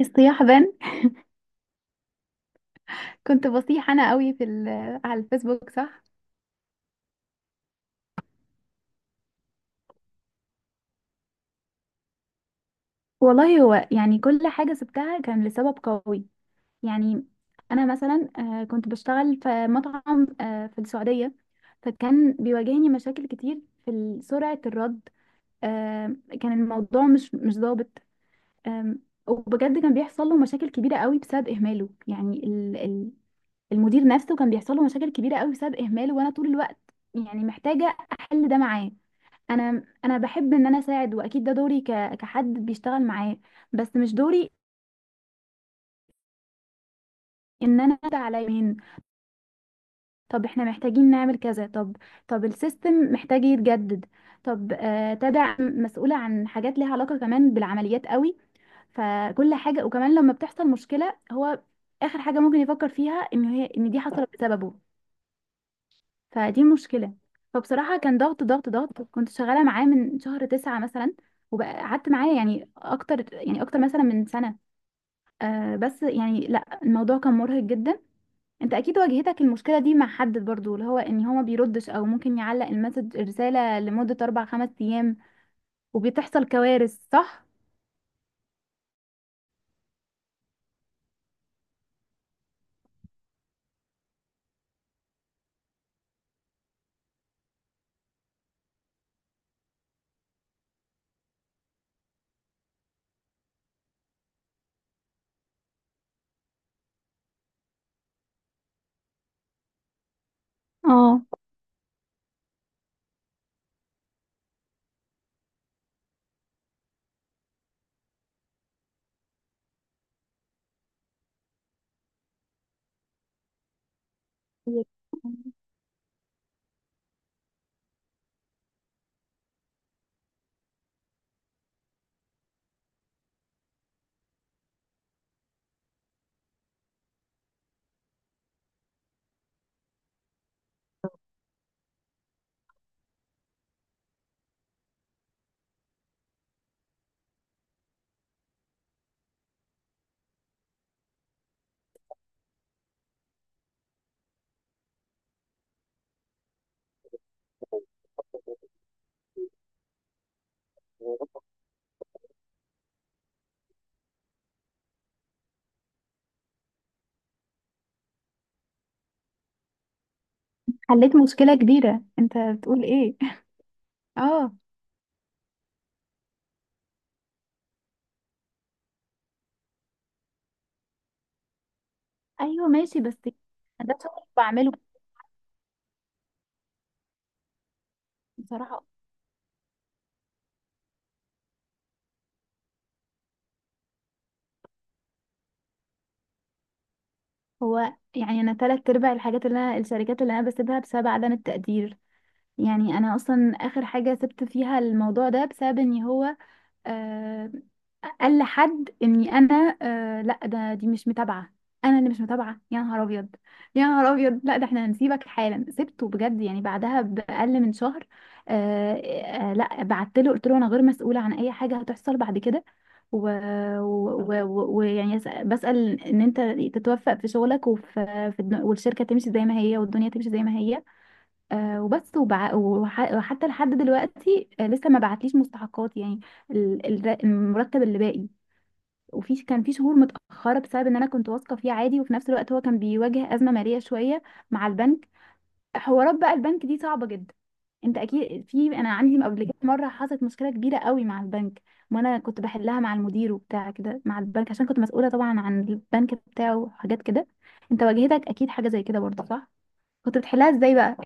الصياح بان كنت بصيح انا قوي في على الفيسبوك، صح. والله هو يعني كل حاجة سبتها كان لسبب قوي. يعني انا مثلا كنت بشتغل في مطعم في السعودية. فكان بيواجهني مشاكل كتير في سرعة الرد. آه، كان الموضوع مش ظابط. وبجد كان بيحصل له مشاكل كبيرة قوي بسبب إهماله. يعني المدير نفسه كان بيحصل له مشاكل كبيرة قوي بسبب إهماله، وأنا طول الوقت يعني محتاجة أحل ده معاه. انا بحب ان انا اساعد، واكيد ده دوري كحد بيشتغل معاه. بس مش دوري ان انا أدعي على مين. طب احنا محتاجين نعمل كذا. طب طب السيستم محتاج يتجدد. طب آه تدع مسؤولة عن حاجات ليها علاقة كمان بالعمليات قوي. فكل حاجة، وكمان لما بتحصل مشكلة، هو اخر حاجة ممكن يفكر فيها ان هي ان دي حصلت بسببه. فدي مشكلة. فبصراحة كان ضغط. كنت شغالة معاه من شهر 9 مثلا، وقعدت معاه يعني اكتر، يعني اكتر مثلا من سنة. بس يعني لا، الموضوع كان مرهق جدا. انت اكيد واجهتك المشكله دي مع حد برضو، اللي هو ان هو ما بيردش، او ممكن يعلق المسج الرساله لمده 4 5 ايام وبتحصل كوارث، صح؟ اه. حليت مشكلة كبيرة، انت بتقول ايه. اه. ايوه، ماشي. بس ده شغل بعمله. بصراحه هو يعني انا تلات ارباع الحاجات اللي انا الشركات اللي انا بسيبها بسبب عدم التقدير. يعني انا اصلا اخر حاجه سبت فيها الموضوع ده بسبب ان هو آه، قال لحد اني انا لا ده دي مش متابعه. انا اللي مش متابعه؟ يا نهار ابيض، يا نهار ابيض. لا، ده احنا هنسيبك حالا. سبته بجد يعني بعدها باقل من شهر. آه لا، بعت له قلت له انا غير مسؤوله عن اي حاجه هتحصل بعد كده. ويعني ويعني بسأل ان انت تتوفق في شغلك وفي والشركه تمشي زي ما هي والدنيا تمشي زي ما هي. وبس وحتى لحد دلوقتي لسه ما بعتليش مستحقات يعني المرتب اللي باقي. وفي كان في شهور متأخرة بسبب ان انا كنت واثقة فيه عادي، وفي نفس الوقت هو كان بيواجه أزمة مالية شوية مع البنك. حوارات بقى البنك دي صعبة جدا. انت اكيد في انا عندي قبل كده مرة حصلت مشكلة كبيرة قوي مع البنك، وانا كنت بحلها مع المدير وبتاع كده مع البنك، عشان كنت مسؤولة طبعا عن البنك بتاعه وحاجات كده. انت واجهتك اكيد حاجة زي كده برضه، صح؟ كنت بتحلها ازاي بقى؟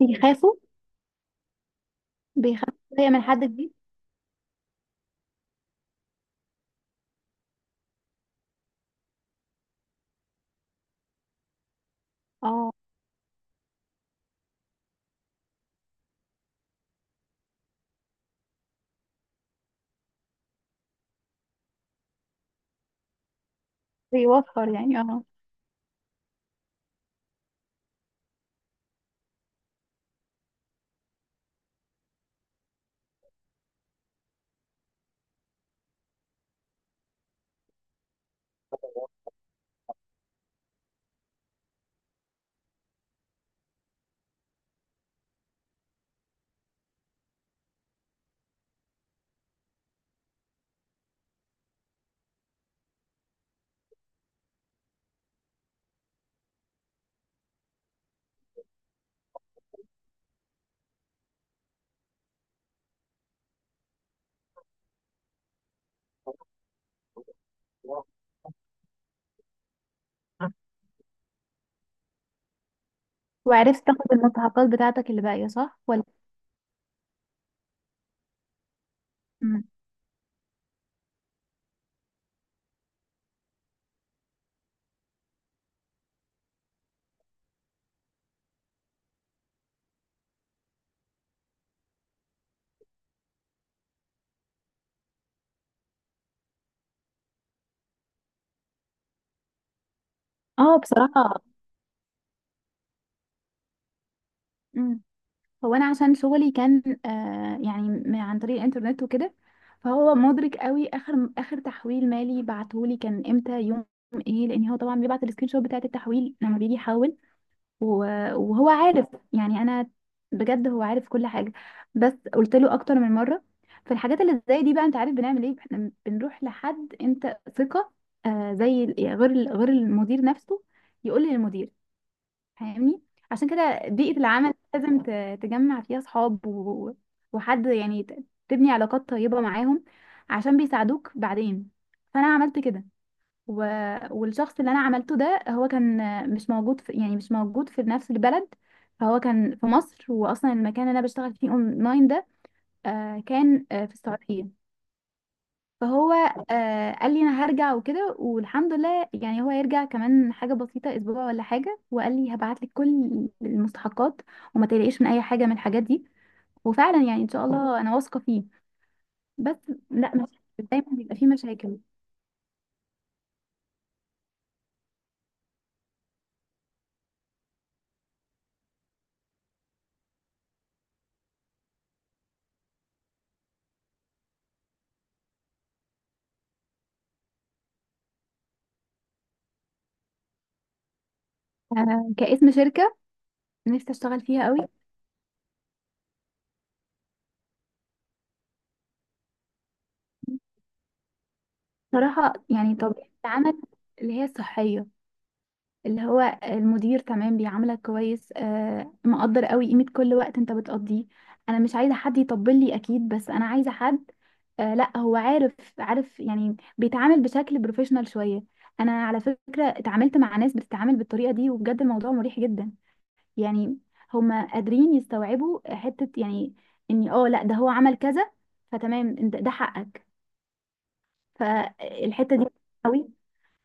بيخافوا. بيخافوا شوية من حد جديد. اه. بيوفر يعني، اه. وعرفت تاخد المستحقات بتاعتك اللي باقية، صح؟ ولا. اه بصراحة. مم. هو انا عشان شغلي كان يعني عن طريق الانترنت وكده، فهو مدرك قوي اخر اخر تحويل مالي بعتهولي كان امتى يوم ايه، لان هو طبعا بيبعت السكرين شوت بتاعت التحويل لما بيجي يحول. وهو عارف يعني انا، بجد هو عارف كل حاجة. بس قلت له اكتر من مرة. فالحاجات اللي زي دي بقى، انت عارف بنعمل ايه احنا؟ بنروح لحد انت ثقة، زي غير المدير نفسه، يقول للمدير، فاهمني؟ عشان كده بيئة العمل لازم تجمع فيها صحاب وحد يعني تبني علاقات طيبة معاهم عشان بيساعدوك بعدين. فأنا عملت كده و... والشخص اللي أنا عملته ده هو كان مش موجود في، يعني مش موجود في نفس البلد. فهو كان في مصر، وأصلا المكان اللي أنا بشتغل فيه أونلاين ده كان في السعودية. فهو آه قال لي انا هرجع وكده، والحمد لله يعني هو هيرجع كمان حاجه بسيطه اسبوع ولا حاجه، وقال لي هبعت لك كل المستحقات وما تقلقيش من اي حاجه من الحاجات دي. وفعلا يعني ان شاء الله انا واثقه فيه. بس لا، مش دايما بيبقى فيه مشاكل. آه كاسم شركه نفسي اشتغل فيها قوي. صراحه يعني طبيعه العمل اللي هي الصحيه، اللي هو المدير تمام بيعاملك كويس، مقدر قوي قيمة كل وقت انت بتقضيه. انا مش عايزة حد يطبل لي اكيد، بس انا عايزة حد لا هو عارف، عارف يعني بيتعامل بشكل بروفيشنال شوية. انا على فكرة اتعاملت مع ناس بتتعامل بالطريقة دي وبجد الموضوع مريح جدا. يعني هما قادرين يستوعبوا حتة، يعني اني اه لا ده هو عمل كذا، فتمام ده حقك. فالحتة دي قوي،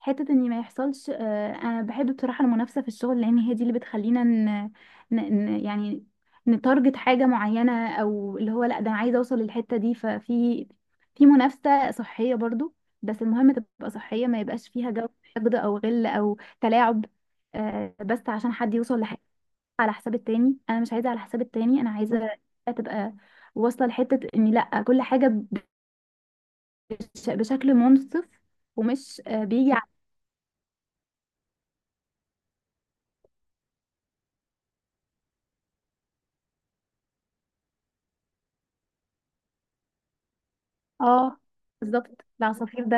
حتة ان ما يحصلش انا بحب بصراحة المنافسة في الشغل، لان هي دي اللي بتخلينا ن... يعني نتارجت حاجة معينة، او اللي هو لا ده انا عايزة اوصل للحتة دي. ففي في منافسة صحية برضو، بس المهم تبقى صحية، ما يبقاش فيها جو حقد او غل او تلاعب بس عشان حد يوصل لحاجة على حساب التاني. انا مش عايزة على حساب التاني، انا عايزة تبقى واصلة لحتة ان لا، كل حاجة بشكل منصف ومش بيجي. اه بالظبط، العصافير ده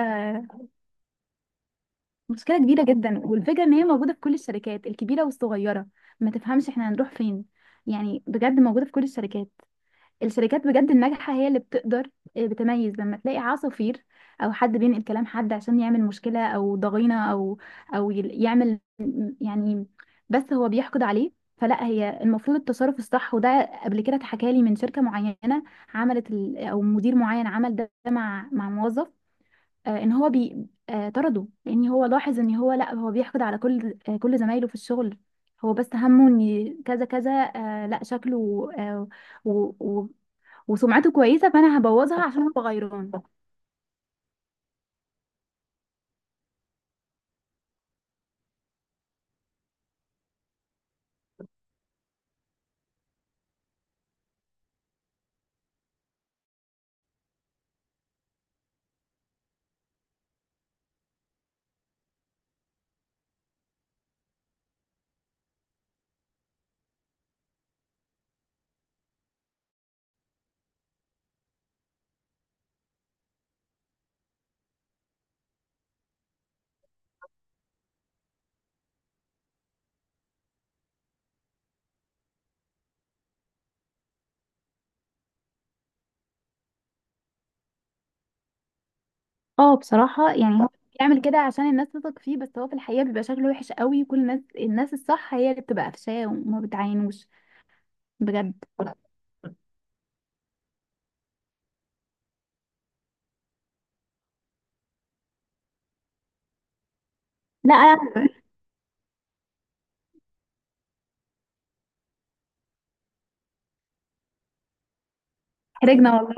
مشكلة كبيرة جدا، والفكرة ان هي موجودة في كل الشركات الكبيرة والصغيرة. ما تفهمش احنا هنروح فين. يعني بجد موجودة في كل الشركات. الشركات بجد الناجحة هي اللي بتقدر بتميز لما تلاقي عصافير او حد بينقل كلام حد عشان يعمل مشكلة او ضغينة او او يعمل يعني، بس هو بيحقد عليه. فلا، هي المفروض التصرف الصح. وده قبل كده اتحكى لي من شركة معينة، عملت ال- او مدير معين عمل ده مع مع موظف ان هو بي آه، طرده، لان هو لاحظ ان هو لا، هو بيحقد على كل كل زمايله في الشغل. هو بس همه ان كذا كذا لا شكله و... و... وسمعته كويسه، فانا هبوظها عشان هو غيران. اه بصراحه يعني هو بيعمل كده عشان الناس تثق فيه، بس هو في الحقيقه بيبقى شكله وحش قوي، وكل الناس، الناس الصح هي اللي بتبقى قفشاه وما بتعينوش. بجد. لا أنا- حرجنا والله.